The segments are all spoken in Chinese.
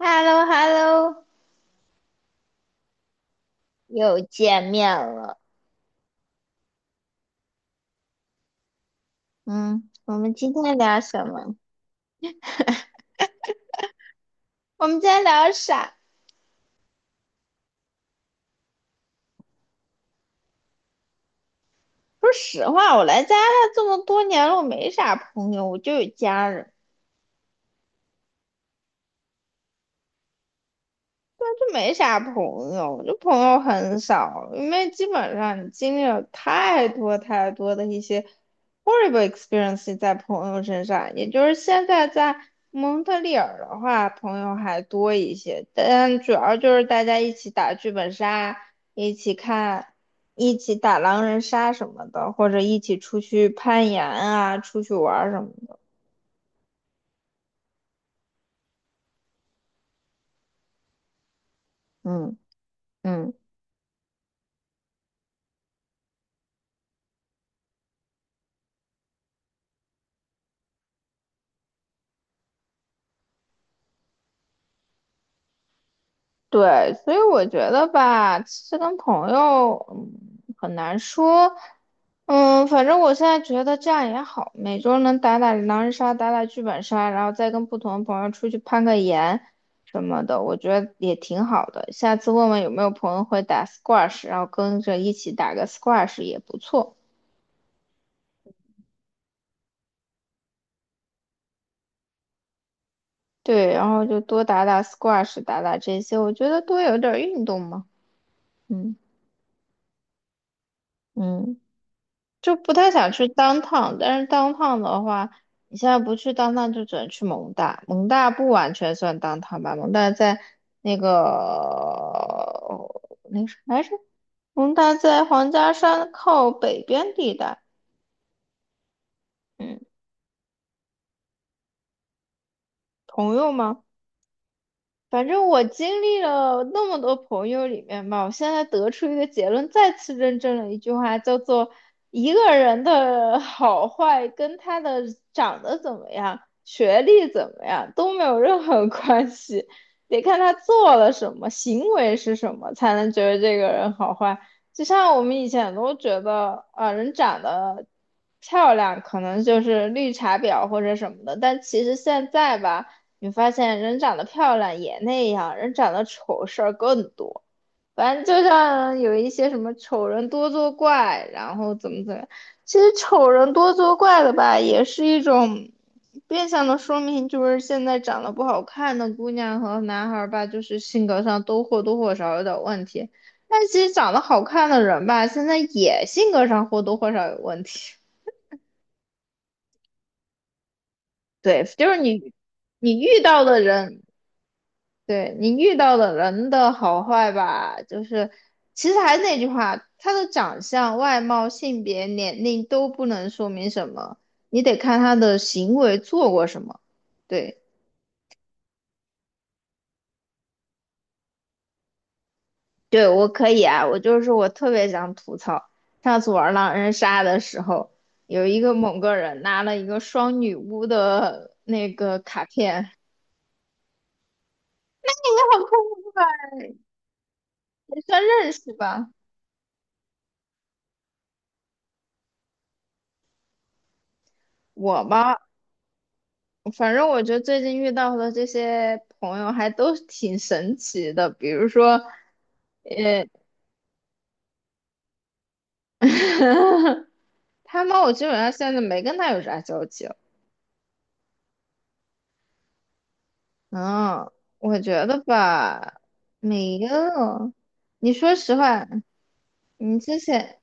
h e l l o h e l l o 又见面了。嗯，我们今天聊什么？我们今天聊啥？说实话，我来加拿大这么多年了，我没啥朋友，我就有家人。就没啥朋友，就朋友很少，因为基本上你经历了太多的一些 horrible experience 在朋友身上，也就是现在在蒙特利尔的话，朋友还多一些，但主要就是大家一起打剧本杀，一起看，一起打狼人杀什么的，或者一起出去攀岩啊，出去玩儿什么的。嗯嗯。对，所以我觉得吧，其实跟朋友，很难说。嗯，反正我现在觉得这样也好，每周能打打狼人杀，打打剧本杀，然后再跟不同的朋友出去攀个岩什么的，我觉得也挺好的。下次问问有没有朋友会打 squash，然后跟着一起打个 squash 也不错。对，然后就多打打 squash，打打这些，我觉得多有点儿运动嘛。嗯嗯。就不太想去当趟，但是当趟的话，你现在不去当趟，就只能去蒙大，蒙大不完全算当趟吧，蒙大在那个那个什么来着？蒙大在皇家山靠北边地带。嗯，朋友吗？反正我经历了那么多朋友里面吧，我现在得出一个结论，再次认证了一句话，叫做一个人的好坏跟他的长得怎么样、学历怎么样都没有任何关系，得看他做了什么，行为是什么，才能觉得这个人好坏。就像我们以前都觉得啊，人长得漂亮可能就是绿茶婊或者什么的，但其实现在吧。你发现人长得漂亮也那样，人长得丑事儿更多。反正就像有一些什么丑人多作怪，然后怎么怎么样，其实丑人多作怪的吧，也是一种变相的说明，就是现在长得不好看的姑娘和男孩儿吧，就是性格上都或多或少有点问题。但其实长得好看的人吧，现在也性格上或多或少有问题。对，就是你，你遇到的人，对你遇到的人的好坏吧，就是其实还是那句话，他的长相、外貌、性别、年龄都不能说明什么，你得看他的行为做过什么。对，对我可以啊，我就是我特别想吐槽，上次玩狼人杀的时候，有一个某个人拿了一个双女巫的那个卡片。也算认识吧，我吧。反正我觉得最近遇到的这些朋友还都挺神奇的，比如说 他们，我基本上现在没跟他有啥交集了。嗯，我觉得吧，没有。你说实话，你之前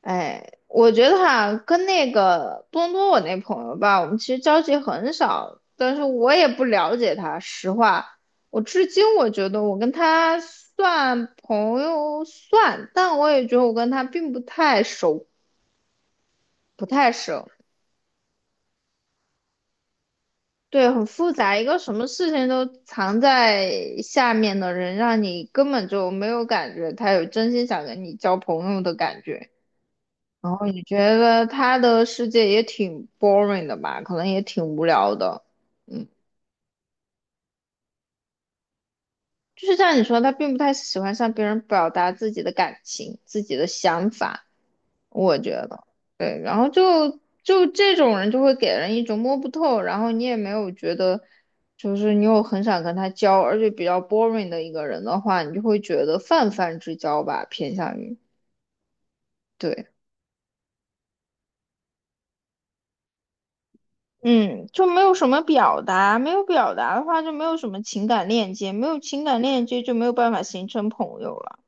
哎，我觉得哈，跟那个多伦多我那朋友吧，我们其实交集很少，但是我也不了解他。实话，我至今我觉得我跟他算朋友算，但我也觉得我跟他并不太熟，不太熟。对，很复杂，一个什么事情都藏在下面的人，让你根本就没有感觉他有真心想跟你交朋友的感觉。然后你觉得他的世界也挺 boring 的吧，可能也挺无聊的。嗯，就是像你说，他并不太喜欢向别人表达自己的感情、自己的想法，我觉得。对，然后就这种人就会给人一种摸不透，然后你也没有觉得，就是你有很想跟他交，而且比较 boring 的一个人的话，你就会觉得泛泛之交吧，偏向于。对。嗯，就没有什么表达，没有表达的话就没有什么情感链接，没有情感链接就没有办法形成朋友了。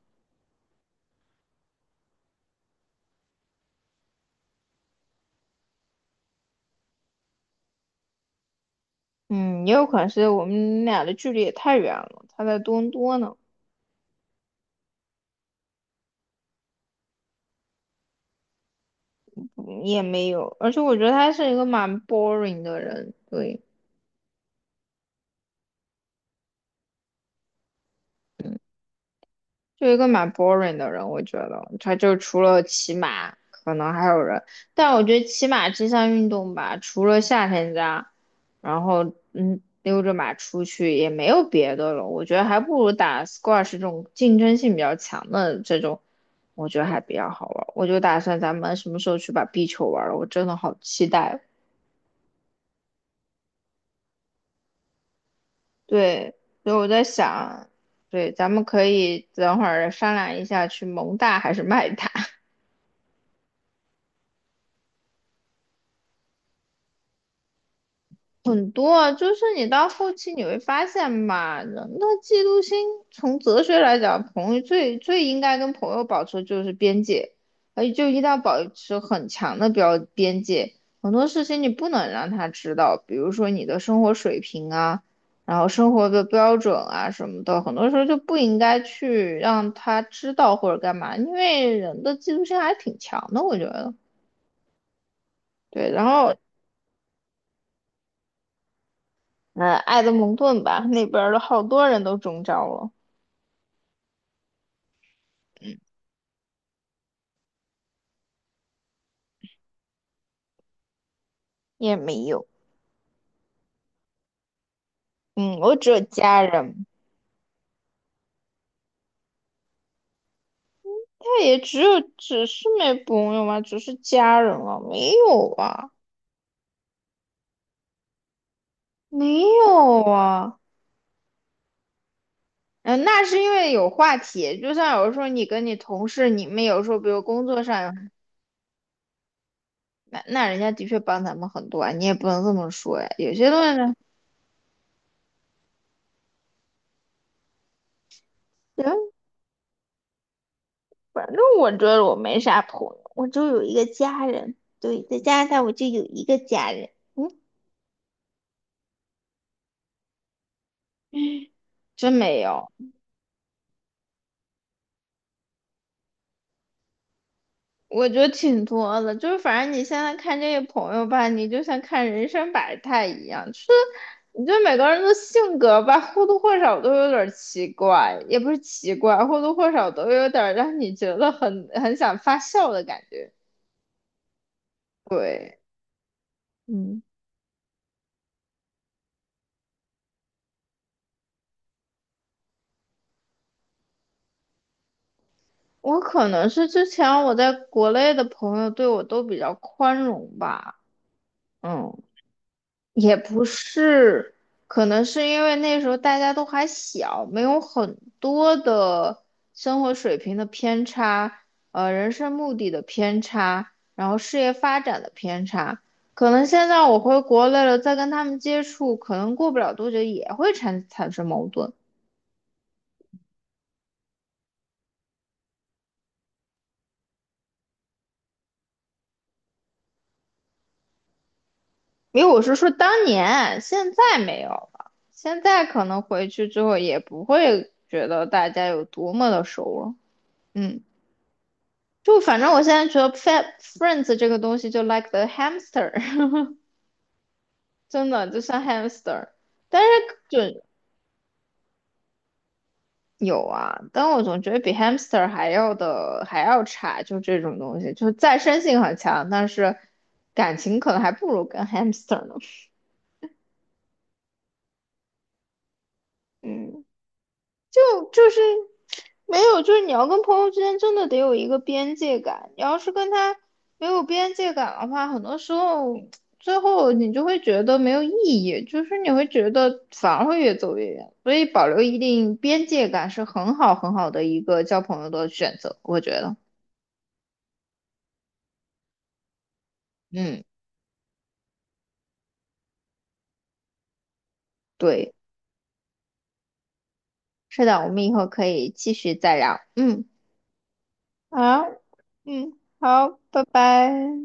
嗯，也有可能是我们俩的距离也太远了，他在多伦多呢。嗯也没有，而且我觉得他是一个蛮 boring 的人。对，嗯就一个蛮 boring 的人，我觉得他就除了骑马，可能还有人，但我觉得骑马这项运动吧，除了夏天家，然后溜着马出去也没有别的了，我觉得还不如打 squash 这种竞争性比较强的这种，我觉得还比较好玩。我就打算咱们什么时候去把壁球玩了，我真的好期待哦。对，所以我在想，对，咱们可以等会儿商量一下去蒙大还是麦大。很多啊，就是你到后期你会发现吧，人的嫉妒心从哲学来讲，朋友最最应该跟朋友保持就是边界，而且就一定要保持很强的标边界，很多事情你不能让他知道，比如说你的生活水平啊，然后生活的标准啊什么的，很多时候就不应该去让他知道或者干嘛，因为人的嫉妒心还挺强的，我觉得。对，然后嗯，埃德蒙顿吧，那边儿的好多人都中招了，也没有。嗯，我只有家人，但也只有只是没朋友嘛，只是家人了，没有啊，没有啊。嗯、那是因为有话题，就像有时候你跟你同事，你们有时候比如工作上有那那人家的确帮咱们很多啊，你也不能这么说呀。有些东西呢，行，反正我觉得我没啥朋友，我就有一个家人，对，在加拿大我就有一个家人，嗯，真没有。我觉得挺多的，就是反正你现在看这些朋友吧，你就像看人生百态一样，就是你觉得每个人的性格吧，或多或少都有点儿奇怪，也不是奇怪，或多或少都有点儿让你觉得很想发笑的感觉。对，嗯，我可能是之前我在国内的朋友对我都比较宽容吧。嗯，也不是，可能是因为那时候大家都还小，没有很多的生活水平的偏差，人生目的的偏差，然后事业发展的偏差。可能现在我回国内了，再跟他们接触，可能过不了多久也会产生矛盾。因为我是说当年，现在没有了，现在可能回去之后也不会觉得大家有多么的熟了。嗯。就反正我现在觉得 Friends 这个东西就 like the hamster，真的就像 hamster。但是就有啊，但我总觉得比 hamster 还要差，就这种东西，就是再生性很强，但是感情可能还不如跟 hamster 呢。嗯。就就是没有，就是你要跟朋友之间真的得有一个边界感。你要是跟他没有边界感的话，很多时候最后你就会觉得没有意义，就是你会觉得反而会越走越远。所以保留一定边界感是很好的一个交朋友的选择，我觉得。嗯，对，是的，我们以后可以继续再聊。嗯，好，嗯，好，拜拜。